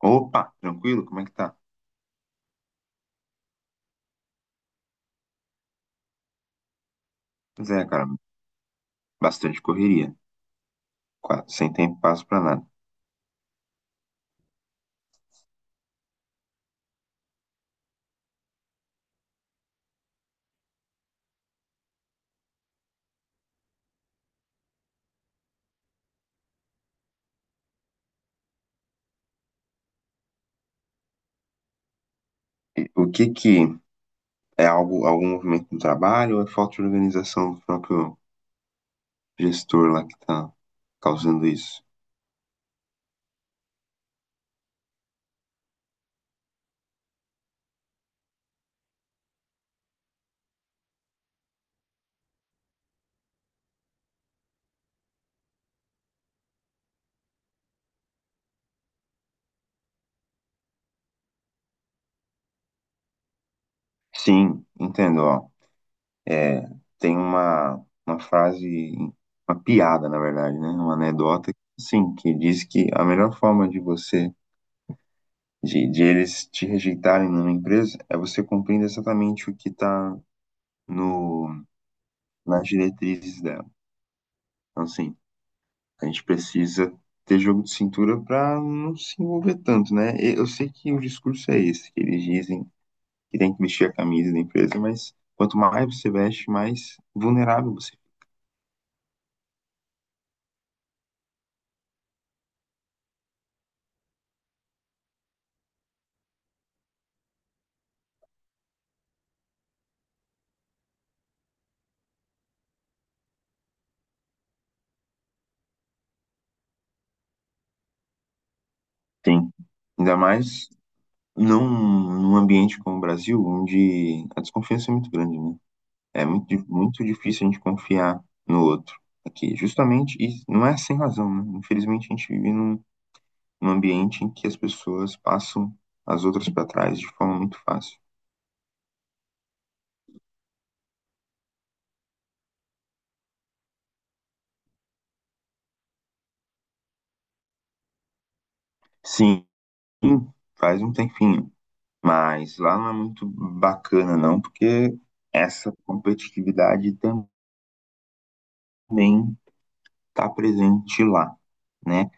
Opa, tranquilo? Como é que tá? Pois é, cara, bastante correria, quase sem tempo passo pra nada. E o que que é? Algo, algum movimento no trabalho ou é falta de organização do próprio gestor lá que tá causando isso? Sim, entendo, ó. É, tem uma, uma frase, uma piada, na verdade, né? Uma anedota, sim, que diz que a melhor forma de você, de eles te rejeitarem numa empresa é você cumprindo exatamente o que tá no nas diretrizes dela. Então, assim, a gente precisa ter jogo de cintura para não se envolver tanto, né? E eu sei que o discurso é esse, que eles dizem que tem que vestir a camisa da empresa, mas quanto mais você veste, mais vulnerável você tem. Ainda mais num, num ambiente como o Brasil, onde a desconfiança é muito grande, né? É muito, muito difícil a gente confiar no outro aqui, justamente, e não é sem razão, né? Infelizmente a gente vive um ambiente em que as pessoas passam as outras para trás de forma muito fácil. Sim, faz um tempinho, mas lá não é muito bacana não, porque essa competitividade também está presente lá, né?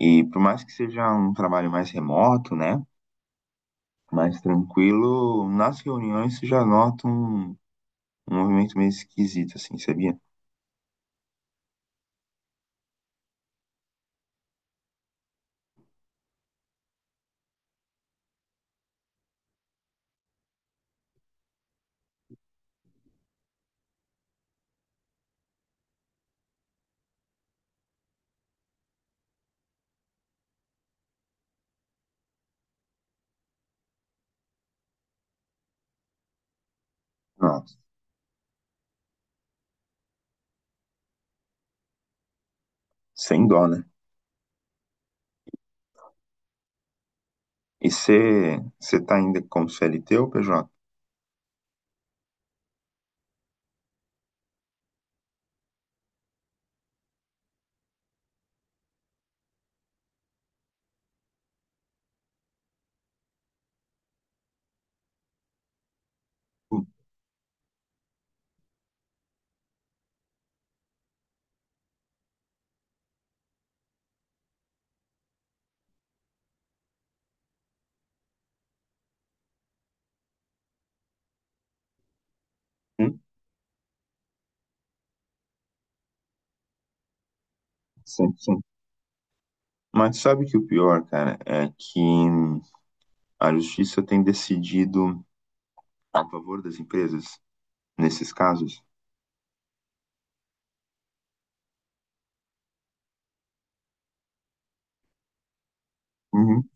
E por mais que seja um trabalho mais remoto, né, mais tranquilo, nas reuniões você já nota um, um movimento meio esquisito, assim, sabia? Nossa, sem dó, né? E você tá ainda como CLT ou PJ? Sim, sim. Mas sabe que o pior, cara, é que a justiça tem decidido a favor das empresas nesses casos? Uhum.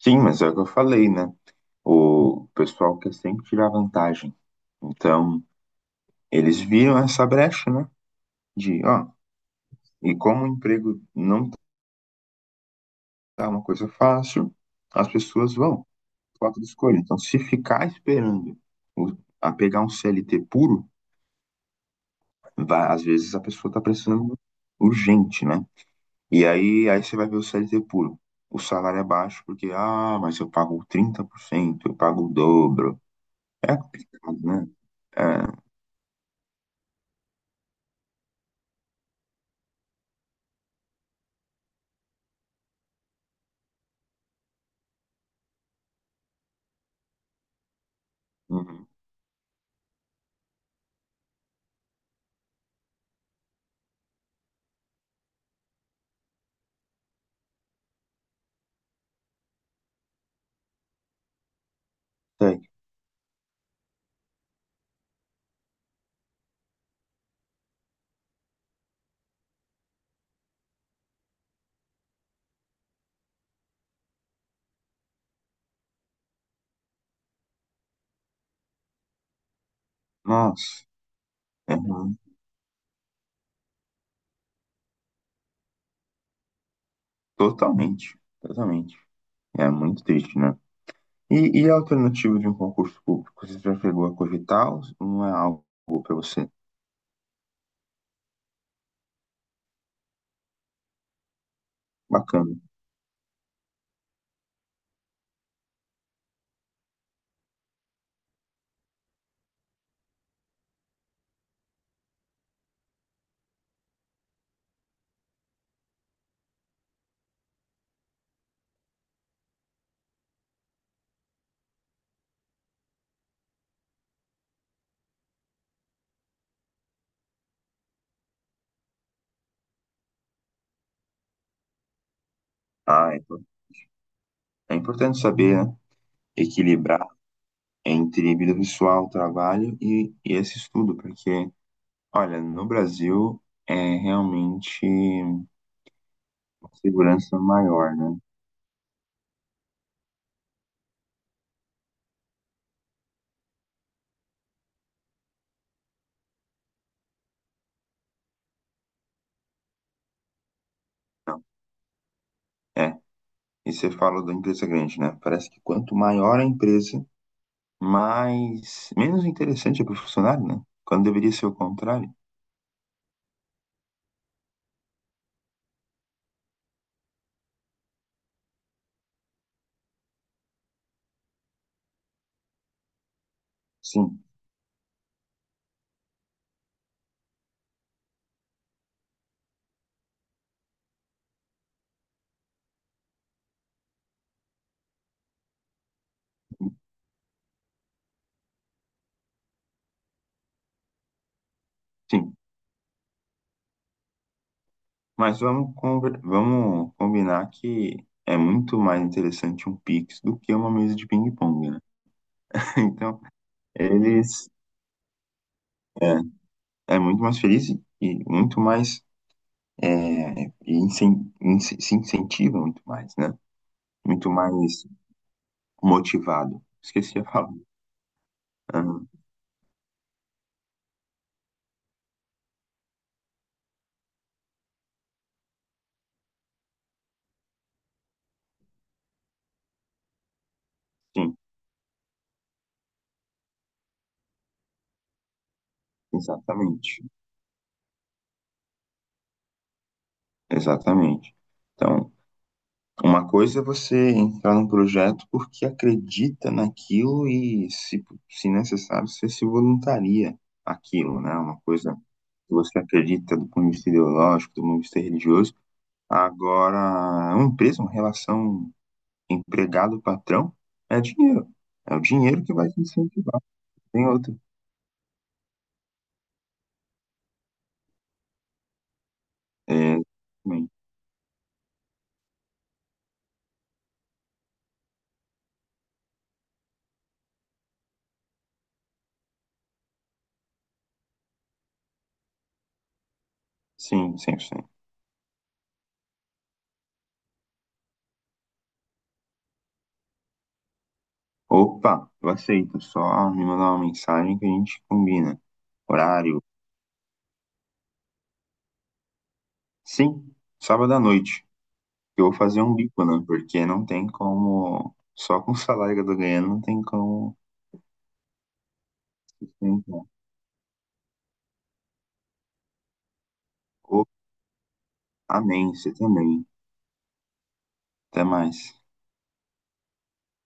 Sim, mas é o que eu falei, né? O pessoal quer sempre tirar vantagem. Então, eles viram essa brecha, né? De, ó, e como o emprego não tá uma coisa fácil, as pessoas vão, falta de escolha. Então, se ficar esperando o- a pegar um CLT puro, vai, às vezes a pessoa tá precisando urgente, né? E aí, você vai ver o CLT puro. O salário é baixo porque, ah, mas eu pago 30%, eu pago o dobro. É complicado, né? É, uhum. Sei. Nossa, é ruim. Totalmente, totalmente. É muito triste, né? E a alternativa de um concurso público? Você já chegou a cogitar ou não é algo para você? Bacana. Ah, é importante saber, né? Equilibrar entre vida pessoal, trabalho e esse estudo, porque olha, no Brasil é realmente uma segurança maior, né? Então, é. E você fala da empresa grande, né? Parece que quanto maior a empresa, mais menos interessante é para o funcionário, né? Quando deveria ser o contrário. Sim, sim. Mas vamos, vamos combinar que é muito mais interessante um Pix do que uma mesa de ping-pong, né? Então, eles é, é muito mais feliz e muito mais é, e se incentiva muito mais, né? Muito mais motivado. Esqueci a palavra. Ah, sim, exatamente. Exatamente. Então, uma coisa é você entrar num projeto porque acredita naquilo e, se necessário, você se voluntaria aquilo, né? Uma coisa que você acredita do ponto de vista ideológico, do ponto de vista religioso. Agora, uma empresa, uma relação empregado patrão é dinheiro. É o dinheiro que vai te incentivar. Tem outra. É, também. Sim, 100%. Opa, eu aceito. Só me mandar uma mensagem que a gente combina. Horário. Sim, sábado à noite. Eu vou fazer um bico, né? Porque não tem como. Só com o salário que eu tô ganhando, não tem como sustentar. Opa, amém. Você também. Até mais.